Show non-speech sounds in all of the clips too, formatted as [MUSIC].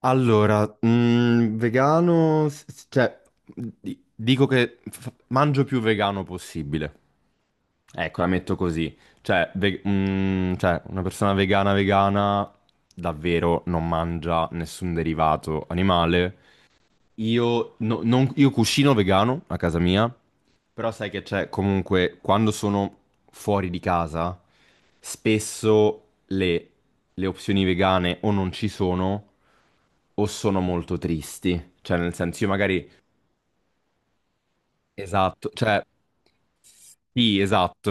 Allora, vegano, cioè, dico che mangio più vegano possibile. Ecco, la metto così. Cioè, cioè, una persona vegana vegana davvero non mangia nessun derivato animale. Io, no- non- io cucino vegano a casa mia, però sai che c'è comunque quando sono fuori di casa, spesso le opzioni vegane o non ci sono o sono molto tristi. Cioè, nel senso, io magari, esatto, cioè, sì, esatto.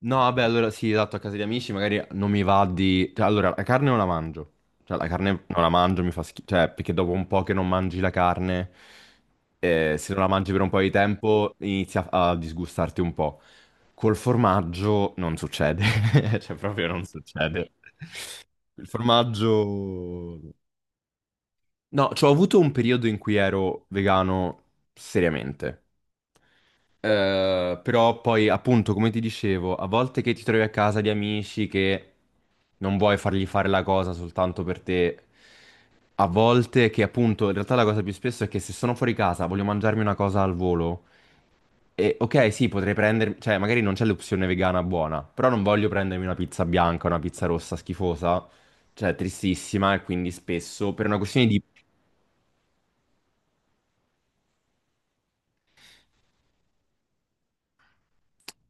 No, vabbè, allora sì, esatto, a casa di amici magari non mi va di. Cioè, allora, la carne non la mangio. Cioè, la carne non la mangio, mi fa schifo. Cioè, perché dopo un po' che non mangi la carne, se non la mangi per un po' di tempo, inizia a disgustarti un po'. Col formaggio non succede. [LAUGHS] Cioè, proprio non succede. Il formaggio. No, cioè, ho avuto un periodo in cui ero vegano seriamente. Però poi, appunto, come ti dicevo, a volte che ti trovi a casa di amici che non vuoi fargli fare la cosa soltanto per te, a volte che, appunto, in realtà la cosa più spesso è che se sono fuori casa, voglio mangiarmi una cosa al volo. E ok, sì, potrei prendermi, cioè magari non c'è l'opzione vegana buona, però non voglio prendermi una pizza bianca, una pizza rossa schifosa, cioè tristissima, e quindi spesso per una questione di.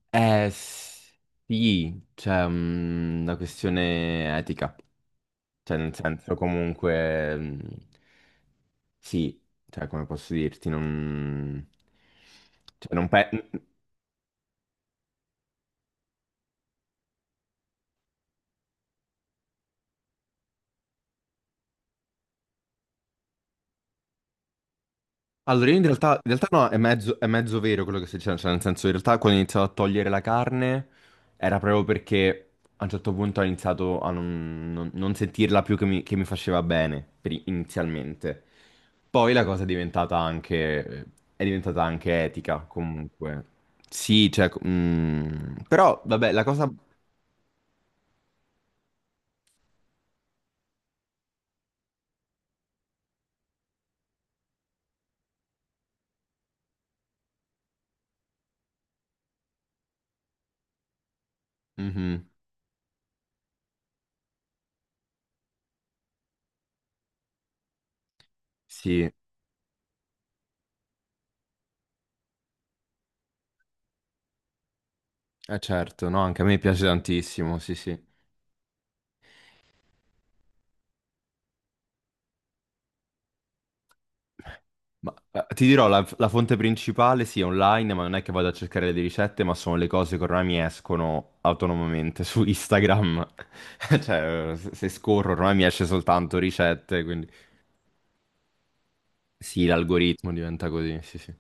Eh sì, cioè una questione etica. Cioè, nel senso, comunque, sì, cioè, come posso dirti, non. Cioè, non Allora, io in realtà no, è mezzo vero quello che stai dicendo, cioè, nel senso, in realtà quando ho iniziato a togliere la carne era proprio perché a un certo punto ho iniziato a non sentirla più che mi faceva bene, inizialmente. Poi la cosa è diventata anche etica, comunque. Sì, cioè, però vabbè, la cosa. Mhm. Sì, eh certo, no, anche a me piace tantissimo, sì, sì. Ma ti dirò, la fonte principale sì, è online, ma non è che vado a cercare le ricette, ma sono le cose che ormai mi escono autonomamente su Instagram. [LAUGHS] Cioè, se scorro ormai mi esce soltanto ricette, quindi sì, l'algoritmo diventa così, sì, sì.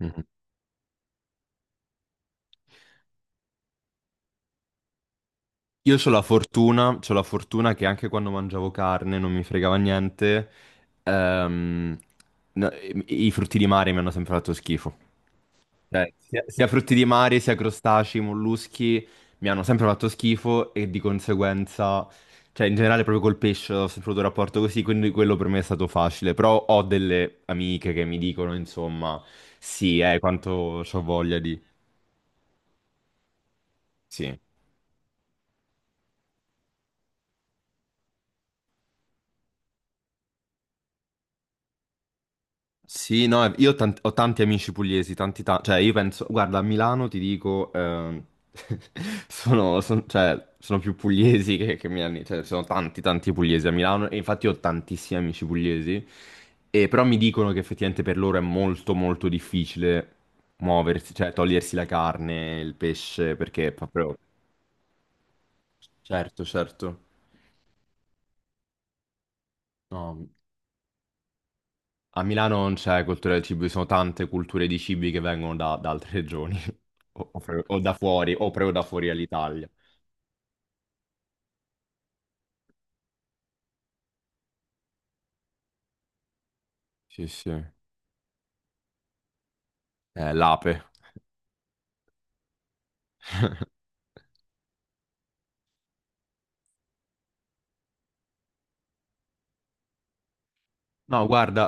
Mhm. Io ho la fortuna, c'ho la fortuna che anche quando mangiavo carne non mi fregava niente, ehm, no, i frutti di mare mi hanno sempre fatto schifo. Cioè, sia, sia frutti di mare, sia crostacei, molluschi mi hanno sempre fatto schifo e di conseguenza, cioè in generale proprio col pesce ho sempre avuto un rapporto così, quindi quello per me è stato facile. Però ho delle amiche che mi dicono, insomma, sì, quanto ho voglia di. Sì. Sì, no, io ho tanti amici pugliesi, tanti, cioè io penso, guarda, a Milano ti dico, [LAUGHS] sono, cioè, sono più pugliesi che milani, cioè sono tanti, tanti pugliesi a Milano e infatti ho tantissimi amici pugliesi, e però mi dicono che effettivamente per loro è molto, molto difficile muoversi, cioè togliersi la carne, il pesce, perché proprio. Certo, certo. No. A Milano non c'è cultura del cibo, ci sono tante culture di cibi che vengono da altre regioni, [LAUGHS] o da fuori, o proprio da fuori all'Italia. Sì, sì. L'ape. [LAUGHS] No, guarda,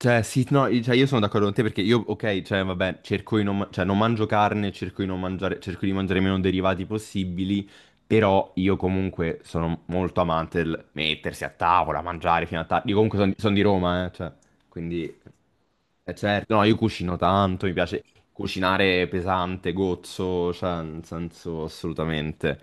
cioè, sì, no, io sono d'accordo con te perché io, ok, cioè, vabbè, cerco di non, cioè, non mangio carne, cerco di non mangiare, cerco di mangiare meno derivati possibili, però io comunque sono molto amante del mettersi a tavola, mangiare fino a tardi. Io comunque sono di Roma, cioè, quindi, è certo. No, io cucino tanto, mi piace cucinare pesante, gozzo, cioè, nel senso, assolutamente.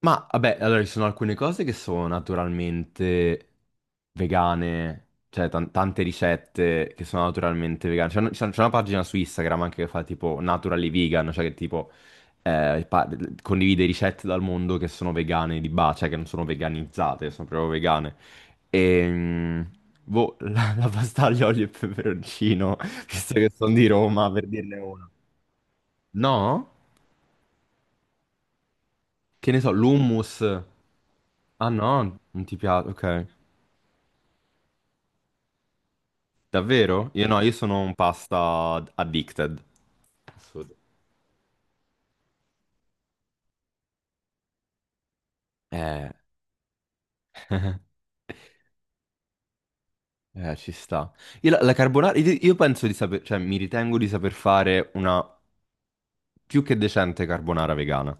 Ma vabbè, allora ci sono alcune cose che sono naturalmente vegane, cioè tante ricette che sono naturalmente vegane. C'è una pagina su Instagram anche che fa tipo Naturally Vegan, cioè che tipo eh, pa- condivide ricette dal mondo che sono vegane di base, cioè che non sono veganizzate, sono proprio vegane. E boh, [LAUGHS] la pasta aglio, olio e peperoncino, [LAUGHS] visto che sono di Roma, per dirne una. No? Che ne so, l'hummus. Ah no, non ti piace, ok. Davvero? Io no, io sono un pasta addicted. Assurdo. Eh, [LAUGHS] ci sta. Io la carbonara, io penso di saper, cioè mi ritengo di saper fare una più che decente carbonara vegana.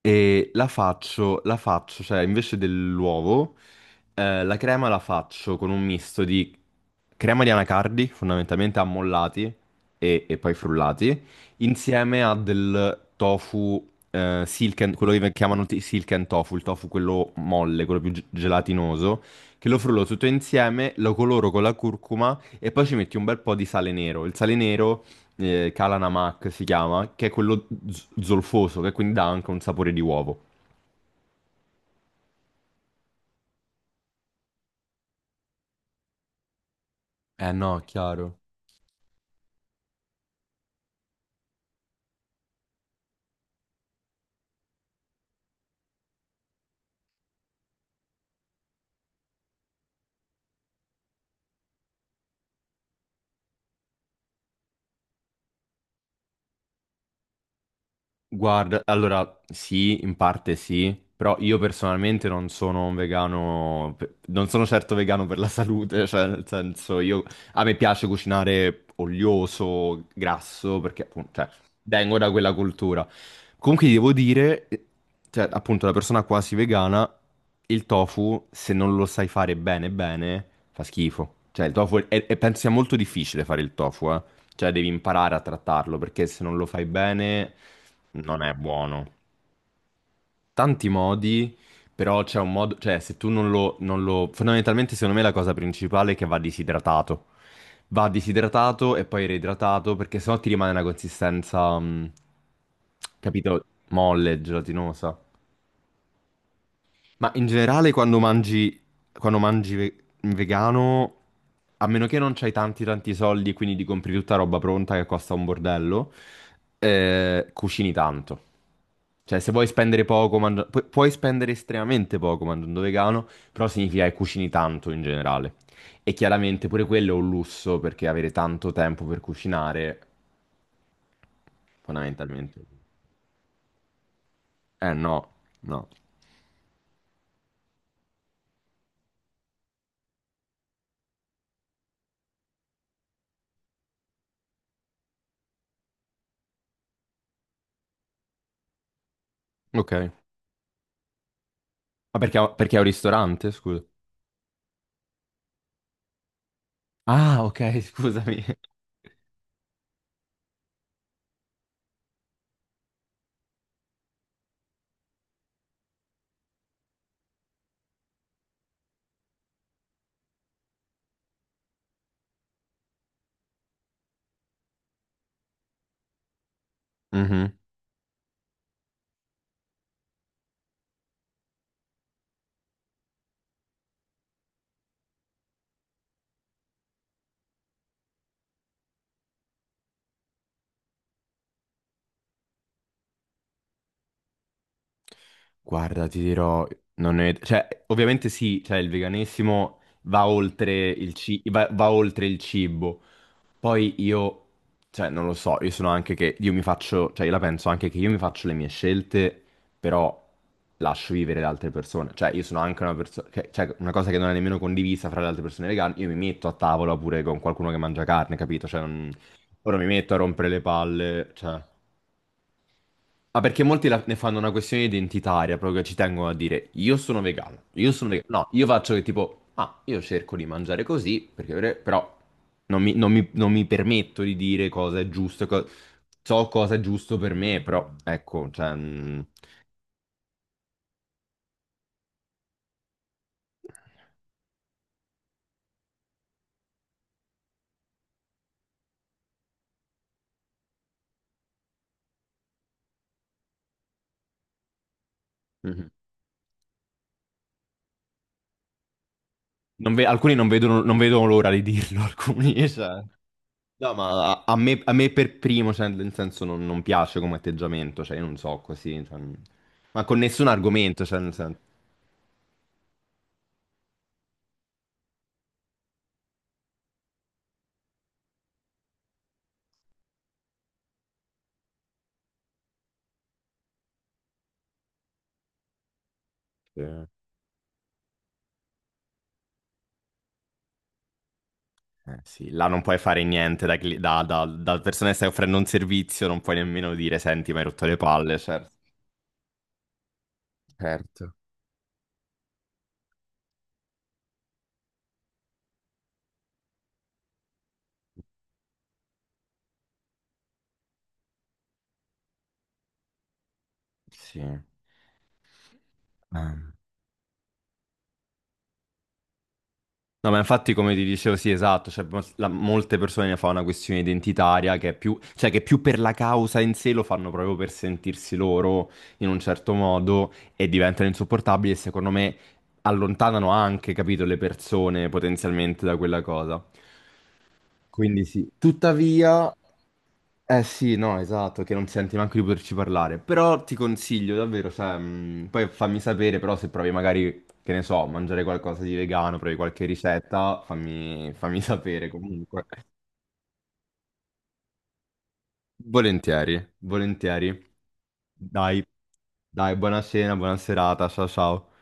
E la faccio, cioè invece dell'uovo, la crema la faccio con un misto di crema di anacardi, fondamentalmente ammollati e poi frullati, insieme a del tofu, silken, quello che chiamano silken tofu, il tofu quello molle, quello più gelatinoso, che lo frullo tutto insieme, lo coloro con la curcuma e poi ci metti un bel po' di sale nero. Il sale nero Kalanamak si chiama, che è quello zolfoso, che quindi dà anche un sapore di uovo. Eh no, chiaro. Guarda, allora sì, in parte sì, però io personalmente non sono un vegano, non sono certo vegano per la salute, cioè nel senso io, a me piace cucinare olioso, grasso, perché appunto, cioè, vengo da quella cultura. Comunque ti devo dire, cioè appunto la persona quasi vegana, il tofu se non lo sai fare bene bene fa schifo. Cioè il tofu, penso sia molto difficile fare il tofu, eh. Cioè devi imparare a trattarlo perché se non lo fai bene non è buono. Tanti modi, però c'è un modo, cioè se tu non lo... Fondamentalmente secondo me la cosa principale è che va disidratato. Va disidratato e poi reidratato perché sennò ti rimane una consistenza, capito, molle, gelatinosa. Ma in generale quando mangi vegano, a meno che non c'hai tanti tanti soldi e quindi ti compri tutta roba pronta che costa un bordello, cucini tanto. Cioè se vuoi spendere poco, puoi spendere estremamente poco mangiando vegano, però significa che cucini tanto in generale. E chiaramente pure quello è un lusso perché avere tanto tempo per cucinare, fondamentalmente. Eh no, no. Ok. Ma perché è un ristorante, scusa? Ah, ok, [LAUGHS] scusami. Mhm. Guarda, ti dirò, non è. Cioè, ovviamente sì, cioè, il veganesimo va oltre il cibo. Poi io, cioè, non lo so, io sono anche che io mi faccio, cioè, io la penso anche che io mi faccio le mie scelte, però lascio vivere le altre persone. Cioè, io sono anche una persona, cioè, una cosa che non è nemmeno condivisa fra le altre persone vegane, io mi metto a tavola pure con qualcuno che mangia carne, capito? Cioè, non. Ora mi metto a rompere le palle, cioè. Ah, perché molti ne fanno una questione identitaria, proprio ci tengono a dire io sono vegano, io sono vegano. No, io faccio che tipo, ah, io cerco di mangiare così, perché però non mi permetto di dire cosa è giusto, so cosa è giusto per me, però ecco, cioè, mm, mhm. Non ve- alcuni non vedono l'ora di dirlo, [LAUGHS] alcuni, cioè. No, ma a me per primo, cioè, nel senso, non piace come atteggiamento, cioè, io non so così, cioè, ma con nessun argomento, cioè, nel senso. Sì, là non puoi fare niente da, cli- da- da- da persona che stai offrendo un servizio, non puoi nemmeno dire, senti, mi hai rotto le palle, certo. Certo. Sì. Ehm. No, ma infatti come ti dicevo, sì, esatto, cioè, molte persone ne fanno una questione identitaria che è più, cioè che più per la causa in sé lo fanno proprio per sentirsi loro in un certo modo e diventano insopportabili e secondo me allontanano anche, capito, le persone potenzialmente da quella cosa. Quindi sì. Tuttavia, eh sì, no, esatto, che non senti neanche di poterci parlare. Però ti consiglio davvero, cioè, poi fammi sapere, però se provi magari, che ne so, mangiare qualcosa di vegano, provi qualche ricetta, fammi sapere comunque. Volentieri, volentieri. Dai, dai, buona cena, buona serata, ciao ciao.